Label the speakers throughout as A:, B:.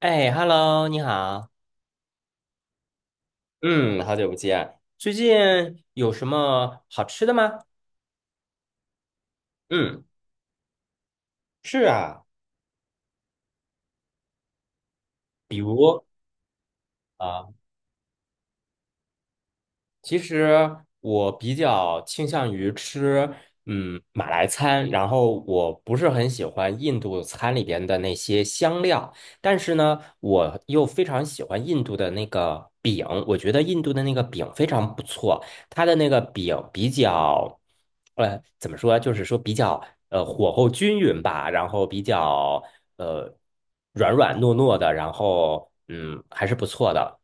A: 哎，Hello，你好，嗯，好久不见。最近有什么好吃的吗？嗯，是啊，其实我比较倾向于吃，马来餐，然后我不是很喜欢印度餐里边的那些香料，但是呢，我又非常喜欢印度的那个饼，我觉得印度的那个饼非常不错，它的那个饼比较，怎么说啊，就是说比较火候均匀吧，然后比较呃软软糯糯的，然后还是不错的。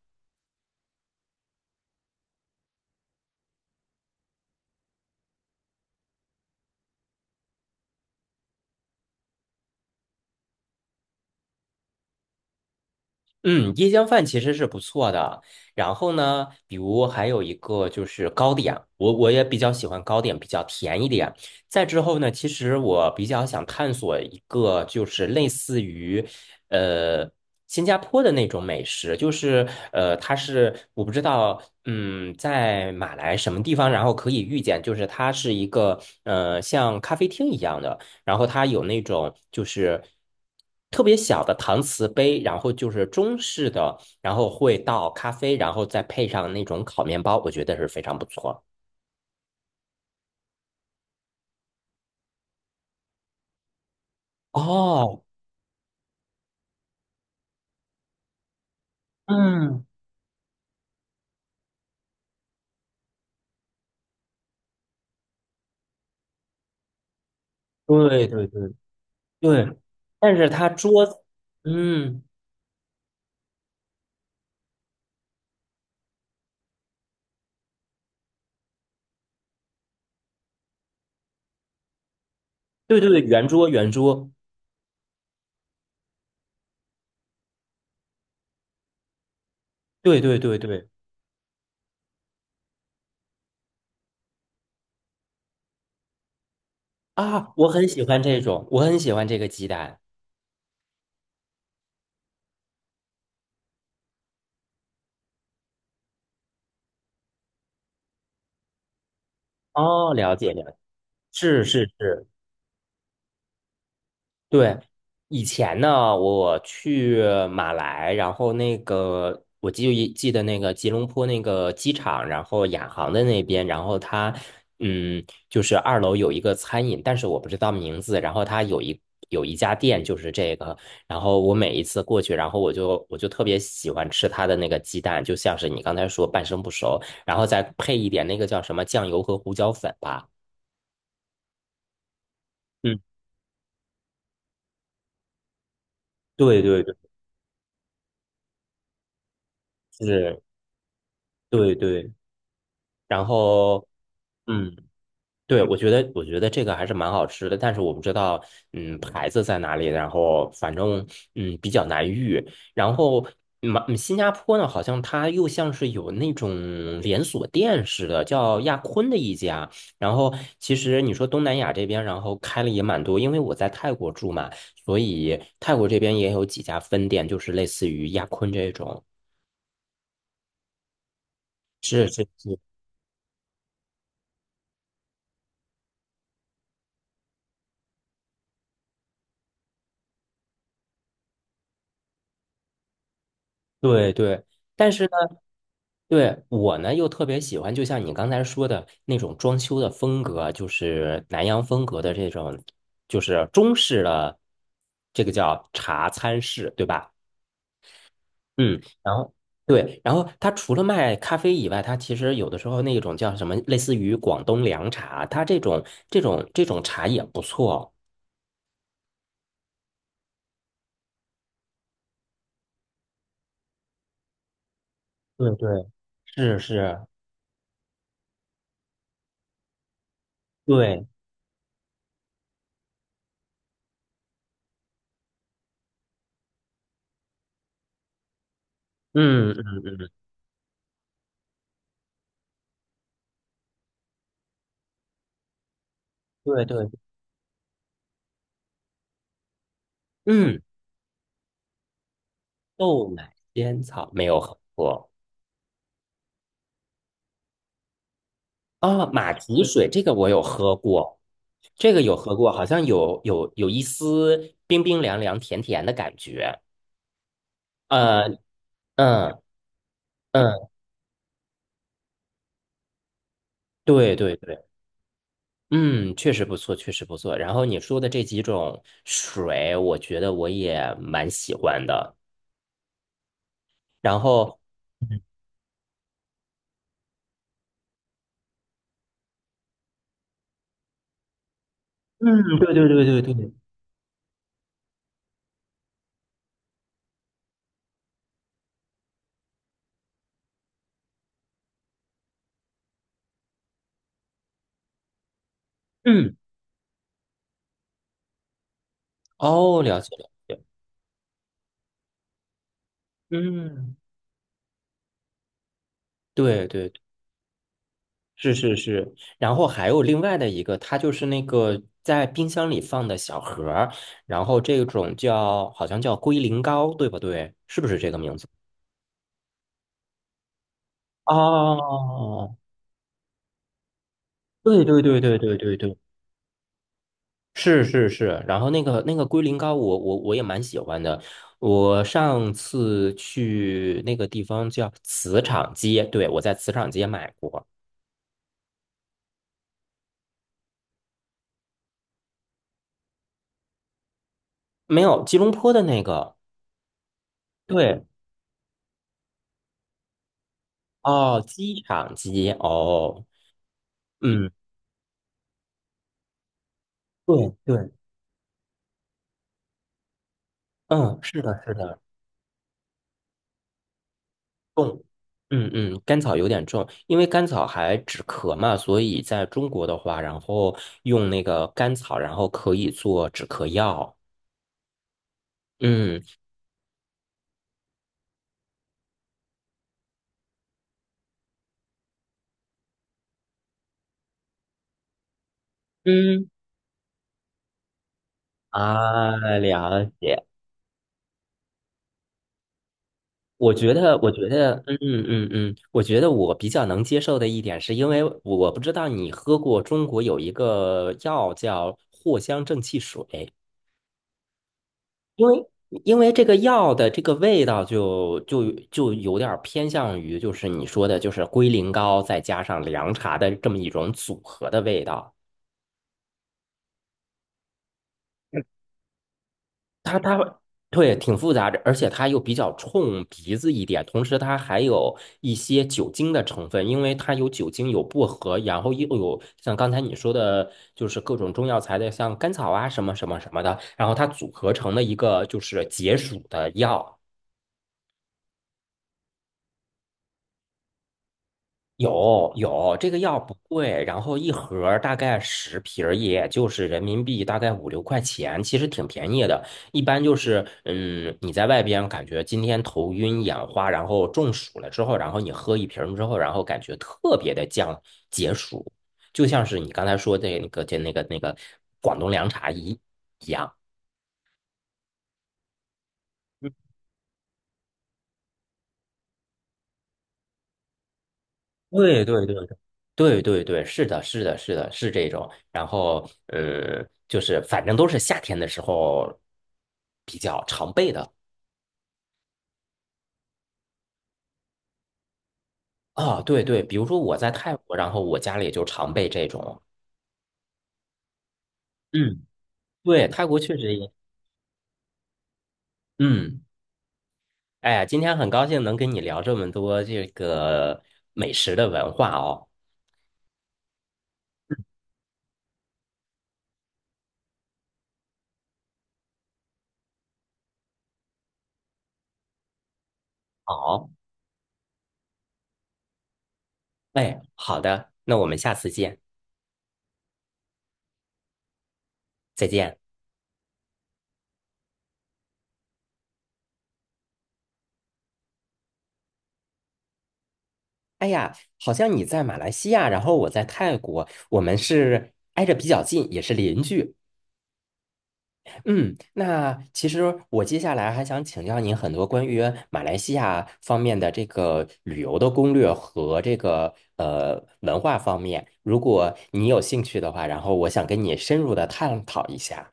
A: 嗯，椰浆饭其实是不错的。然后呢，比如还有一个就是糕点，我也比较喜欢糕点，比较甜一点。再之后呢，其实我比较想探索一个就是类似于，呃，新加坡的那种美食，就是它是我不知道，在马来什么地方，然后可以遇见，就是它是一个像咖啡厅一样的。然后它有那种就是特别小的搪瓷杯，然后就是中式的，然后会倒咖啡，然后再配上那种烤面包，我觉得是非常不错。哦，嗯，对对对对，但是它桌子，嗯，对对对，圆桌圆桌，对对对对，啊，我很喜欢这种，我很喜欢这个鸡蛋。哦，了解了解，是是是，对，以前呢，我去马来，然后那个我记得那个吉隆坡那个机场，然后亚航的那边，然后它嗯，就是二楼有一个餐饮，但是我不知道名字，然后它有一家店就是这个，然后我每一次过去，然后我就特别喜欢吃它的那个鸡蛋，就像是你刚才说半生不熟，然后再配一点那个叫什么酱油和胡椒粉吧。嗯，对对对，是，对对。然后嗯，对，我觉得这个还是蛮好吃的，但是我不知道，嗯，牌子在哪里，然后反正比较难遇。然后新加坡呢，好像它又像是有那种连锁店似的，叫亚坤的一家。然后其实你说东南亚这边，然后开了也蛮多，因为我在泰国住嘛，所以泰国这边也有几家分店，就是类似于亚坤这种。是是是，对对，但是呢，对我呢又特别喜欢，就像你刚才说的那种装修的风格，就是南洋风格的这种，就是中式的，这个叫茶餐室，对吧？嗯，然后对，然后它除了卖咖啡以外，它其实有的时候那种叫什么，类似于广东凉茶，它这种茶也不错。对对，是是，对，嗯嗯嗯，对对，嗯。豆奶仙草没有喝过。哦，马蹄水这个我有喝过，这个有喝过，好像有一丝冰冰凉凉、甜甜的感觉。呃，嗯嗯，对对对，嗯，确实不错，确实不错。然后你说的这几种水，我觉得我也蛮喜欢的。然后，嗯，对对对对对，嗯，哦，了解了解，嗯，对对，是是是，然后还有另外的一个，它就是那个在冰箱里放的小盒儿，然后这种叫好像叫龟苓膏，对不对？是不是这个名字？哦，对对对对对对对，是是是。然后那个龟苓膏我也蛮喜欢的。我上次去那个地方叫磁场街，对，我在磁场街买过，没有吉隆坡的那个，对，哦，机场街，哦，嗯。对对，嗯，是的，是的，重，嗯嗯，甘草有点重，因为甘草还止咳嘛，所以在中国的话，然后用那个甘草，然后可以做止咳药。嗯嗯，啊，了解。我觉得我比较能接受的一点，是因为我不知道你喝过中国有一个药叫藿香正气水。因为因为这个药的这个味道就有点儿偏向于就是你说的，就是龟苓膏再加上凉茶的这么一种组合的味道。它它对，挺复杂的，而且它又比较冲鼻子一点，同时它还有一些酒精的成分，因为它有酒精有薄荷，然后又有像刚才你说的，就是各种中药材的，像甘草啊什么什么什么的，然后它组合成了一个就是解暑的药。有有，这个药不贵，然后一盒儿大概10瓶儿也就是人民币大概五六块钱，其实挺便宜的。一般就是，你在外边感觉今天头晕眼花，然后中暑了之后，然后你喝一瓶儿之后，然后感觉特别的解暑，就像是你刚才说的那个、就那个、那个广东凉茶一样。对对对对对对对，是的，是的，是的，是这种。然后就是反正都是夏天的时候比较常备的啊。对对，比如说我在泰国，然后我家里就常备这种。嗯，对，泰国确实也，嗯，哎呀，今天很高兴能跟你聊这么多这个美食的文化哦。好，哎，好的，那我们下次见，再见。哎呀，好像你在马来西亚，然后我在泰国，我们是挨着比较近，也是邻居。嗯，那其实我接下来还想请教您很多关于马来西亚方面的这个旅游的攻略和这个文化方面，如果你有兴趣的话，然后我想跟你深入的探讨一下。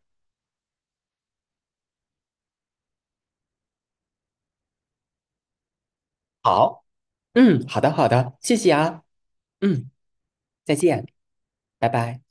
A: 好，嗯，好的，好的，谢谢啊，嗯，再见，拜拜。